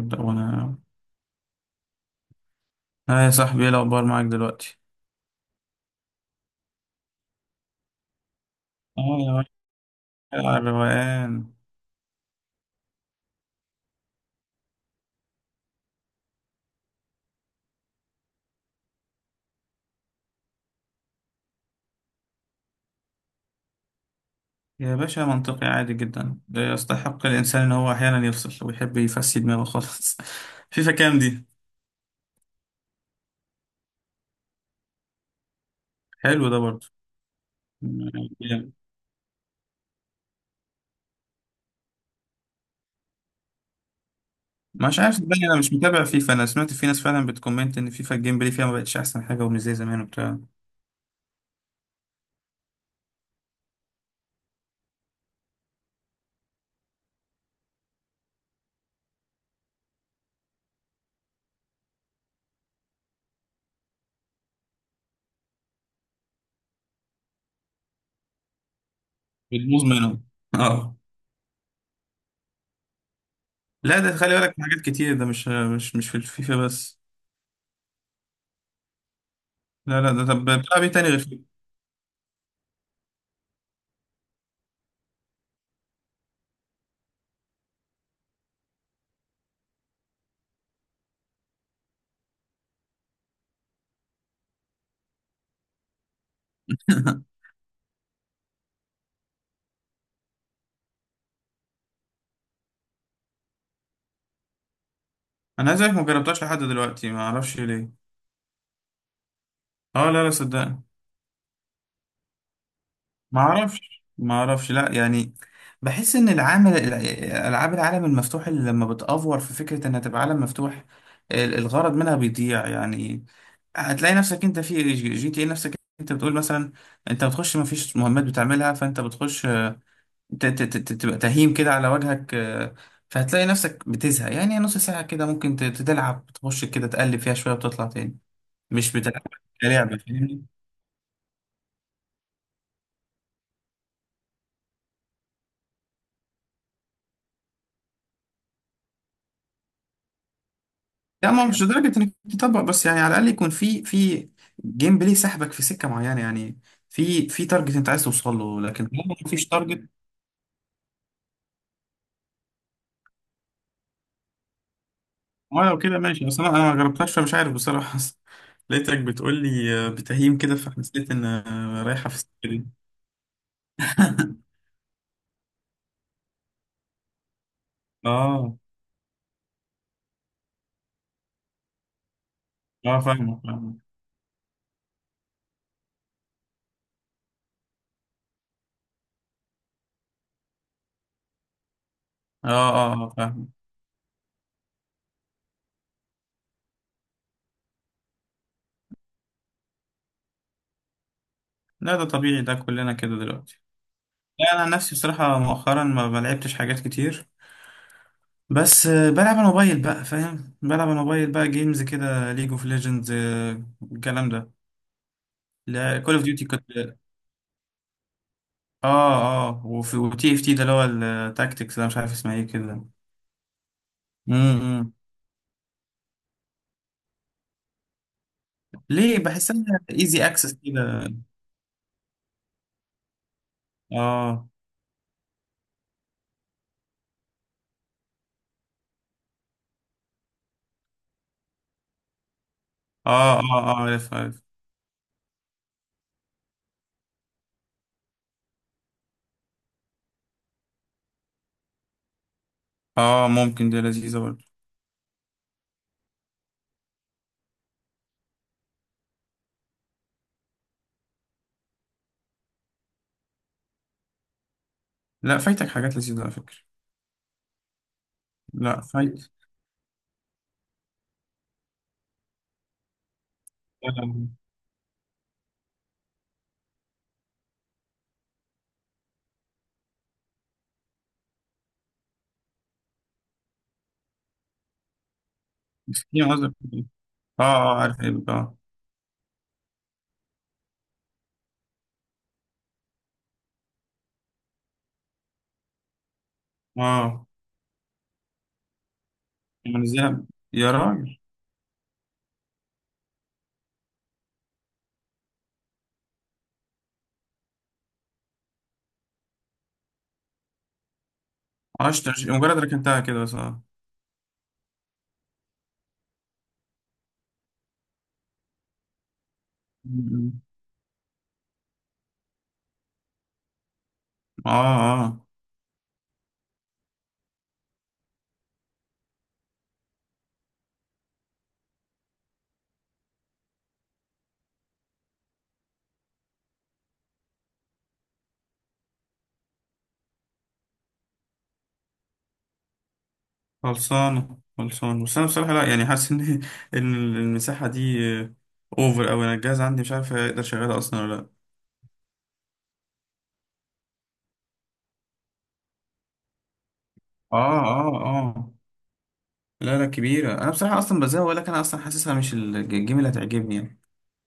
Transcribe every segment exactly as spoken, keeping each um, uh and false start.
ابدأ وانا. اه يا صاحبي، ايه الاخبار معاك دلوقتي؟ اه يا باشا، على الروقان. يا باشا منطقي عادي جدا، ده يستحق الانسان ان هو احيانا يفصل ويحب يفسي دماغه خالص. فيفا كام دي؟ حلو ده برضه. جامد. مش عارف، صدقني انا مش متابع فيفا، انا سمعت في ناس فعلا بتكومنت ان فيفا الجيم بلاي فيها ما بقتش احسن حاجه ومش زي زمان وبتاع. بتبوظ منهم. اه. لا ده خلي بالك من حاجات كتير، ده مش مش مش في الفيفا بس. لا لا، ده طب بتلعب ايه تاني غير فيفا؟ انا زيك، ما جربتهاش لحد دلوقتي، ما اعرفش ليه. اه لا لا صدقني. ما اعرفش ما اعرفش، لا يعني بحس ان العامل، العاب العالم المفتوح اللي لما بتأفور في فكرة انها تبقى عالم مفتوح، ال- الغرض منها بيضيع يعني. هتلاقي نفسك انت في جي جي تي اي، نفسك انت بتقول مثلا انت بتخش ما فيش مهمات بتعملها، فانت بتخش، ت- ت- ت- تبقى تهيم كده على وجهك، آه، فهتلاقي نفسك بتزهق يعني. نص ساعة كده ممكن ت- تلعب، تخش كده تقلب فيها شوية وتطلع تاني. مش بتلعب كلعبة، فاهمني. لا ما هو مش لدرجة انك تطبق، بس يعني على الأقل يكون في في جيم بلاي سحبك في سكة معينة يعني. في في تارجت انت عايز توصل له، لكن طالما مفيش تارجت. ما لو كده ماشي، بس انا انا ما جربتهاش، فمش عارف بصراحة. لقيتك بتقول لي آه، بتهيم كده، فحسيت ان آه، رايحة في السكة دي. اه اه، فاهمك فاهمك. اه اه اه، فاهمك. لا ده طبيعي، ده كلنا كده دلوقتي. لا انا عن نفسي بصراحة مؤخرا ما ما لعبتش حاجات كتير، بس آه، بلعب على الموبايل بقى، فاهم، بلعب على الموبايل بقى جيمز كده، ليج اوف ليجندز الكلام ده، لا كول اوف ديوتي كنت. اه اه، وفي وتي اف تي ده اللي هو التاكتكس، ده مش عارف اسمها ايه كده. امم ليه؟ بحسها ايزي اكسس كده. اه اه اه. اه عارف عارف. اه ممكن، دي لذيذة برضه. لا فايتك حاجات لذيذة على فكرة. لا فايت. آه، مسكين قصدك. اه اه، عارف، ايه بقى. اه منزلها، يا راجل! عشت مجرد ركنتها كده، بس اه. م- م. اه اه. خلصانة خلصانة، بس انا بصراحة لا يعني حاسس ان ان المساحة دي اوفر اوي، انا الجهاز عندي مش عارف اقدر اشغلها اصلا ولا لا. اه اه اه. لا لا كبيرة، انا بصراحة اصلا بزهق لك، انا اصلا حاسسها مش ال- الجيم اللي هتعجبني يعني.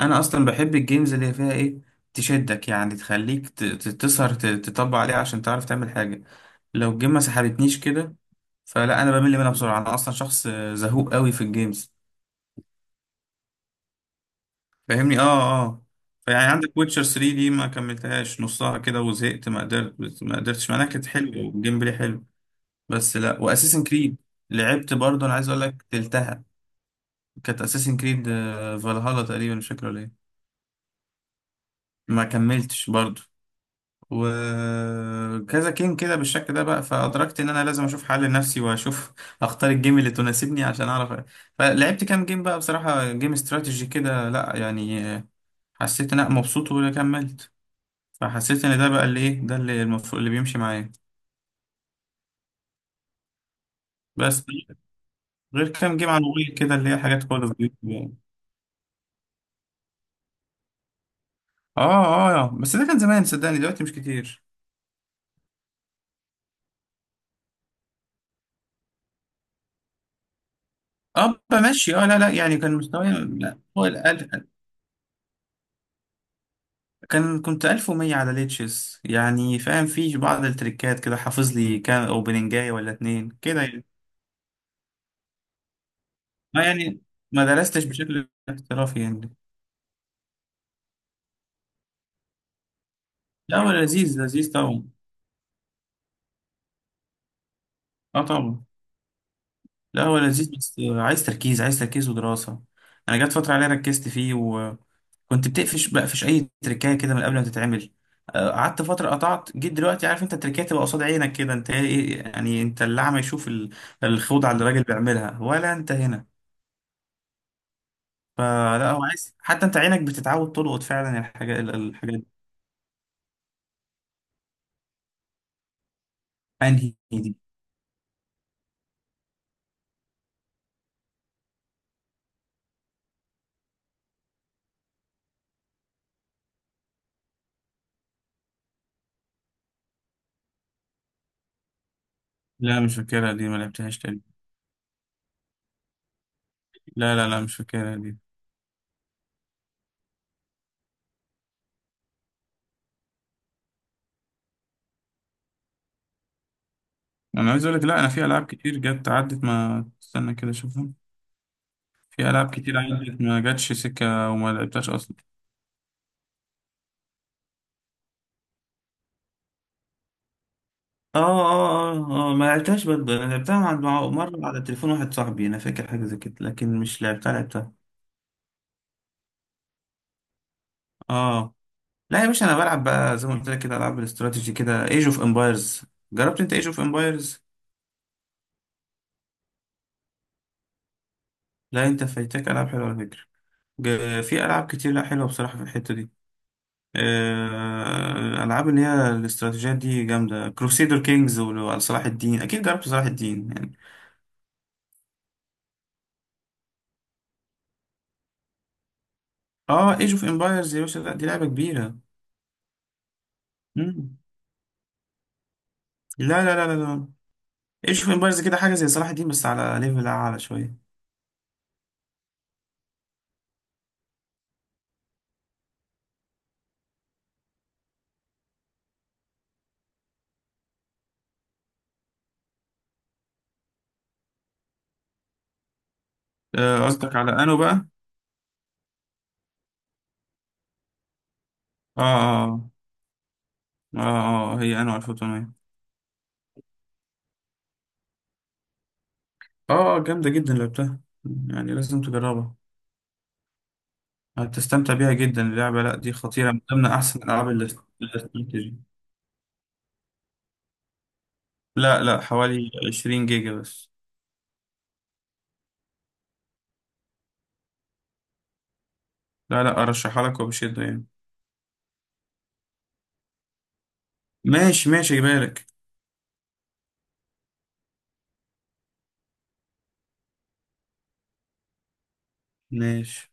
انا اصلا بحب الجيمز اللي فيها ايه، تشدك يعني، تخليك ت- ت- تسهر، ت- تطبق عليها عشان تعرف تعمل حاجة. لو الجيم ما سحبتنيش كده، فلا انا بمل منها بسرعة، انا اصلا شخص زهوق قوي في الجيمز، فاهمني. اه اه. فيعني عندك ويتشر تلاتة دي ما كملتهاش نصها كده وزهقت، ما قدرت ما قدرتش معناها، كانت حلوه والجيم بلاي حلو بس. لا واساسن كريد لعبت برضه، انا عايز اقول لك تلتها، كانت اساسن كريد فالهالا تقريبا، مش فاكر ولا ايه. ما كملتش برضه. وكذا جيم كده بالشكل ده بقى، فادركت ان انا لازم اشوف حل لنفسي واشوف اختار الجيم اللي تناسبني عشان اعرف. فلعبت كام جيم بقى بصراحه، جيم استراتيجي كده، لا يعني حسيت ان انا مبسوط وكملت، فحسيت ان ده بقى اللي ايه، ده اللي المفروض اللي بيمشي معايا. بس غير كام جيم على الموبايل كده، اللي هي حاجات خالص دي يعني. اه اه، بس ده كان زمان صدقني، دلوقتي مش كتير. اه بمشي، اه لا لا يعني كان مستواي لا فوق الألف، كان كنت ألف ومية على ليتشس يعني، فاهم في بعض التريكات كده، حافظ لي كام اوبننجاية ولا اتنين كده يعني. ما يعني ما درستش بشكل احترافي يعني. لا هو لذيذ لذيذ طبعا. اه طبعا. لا هو لذيذ، بس عايز تركيز، عايز تركيز ودراسة. أنا جت فترة عليا ركزت فيه وكنت بتقفش، بقفش أي تركاية كده من قبل ما تتعمل. آه، قعدت فترة قطعت، جيت دلوقتي عارف أنت التركاية تبقى قصاد عينك كده، أنت إيه يعني؟ أنت اللي أعمى يشوف ال- الخوضة اللي الراجل بيعملها، ولا أنت هنا. فلا هو عايز حتى أنت عينك بتتعود تلقط فعلا الحاجات، ال- الحاجات دي. أنهي دي؟ لا مش فاكرها دي، ما لعبتهاش تاني. لا لا لا مش فاكرها دي. أنا عايز أقول لك، لا أنا في ألعاب كتير جت عدت ما استنى كده أشوفها، في ألعاب كتير عندك ما جاتش سكة وما لعبتهاش أصلا. اه اه اه، آه، ما لعبتهاش برضه، انا لعبتها عند مع- مرة على تليفون واحد صاحبي، انا فاكر حاجة زي كده لكن مش لعبتها لعبتها. آه. لا يا باشا انا بلعب بقى زي ما قلت لك كده العاب الاستراتيجي كده، ايج اوف امبايرز. جربت انت ايج اوف امبايرز؟ لا انت فايتك العاب حلوه على فكره، ج- في العاب كتير، لا حلوه بصراحه في الحته دي. آه، العاب اللي هي الاستراتيجيات دي جامده، كروسيدر كينجز وصلاح الدين، اكيد جربت صلاح الدين يعني. اه ايج اوف امبايرز يا باشا، لا دي لعبه كبيره. مم. لا لا لا لا لا، ايج اوف امبايرز كده حاجه زي صلاح الدين، بس على ليفل اعلى شويه. آه، قصدك على انو بقى. اه اه اه اه، آه، هي انو تمنتاشر مية. اه آه، جامده جدا، لعبتها يعني لازم تجربها، هتستمتع بيها جدا اللعبه. لا دي خطيره من ضمن احسن الالعاب الاست- الاستراتيجي. لا لا حوالي عشرين جيجا بس. لا لا ارشحها لك وبشده يعني. ماشي، ماشي بالك. ماشي.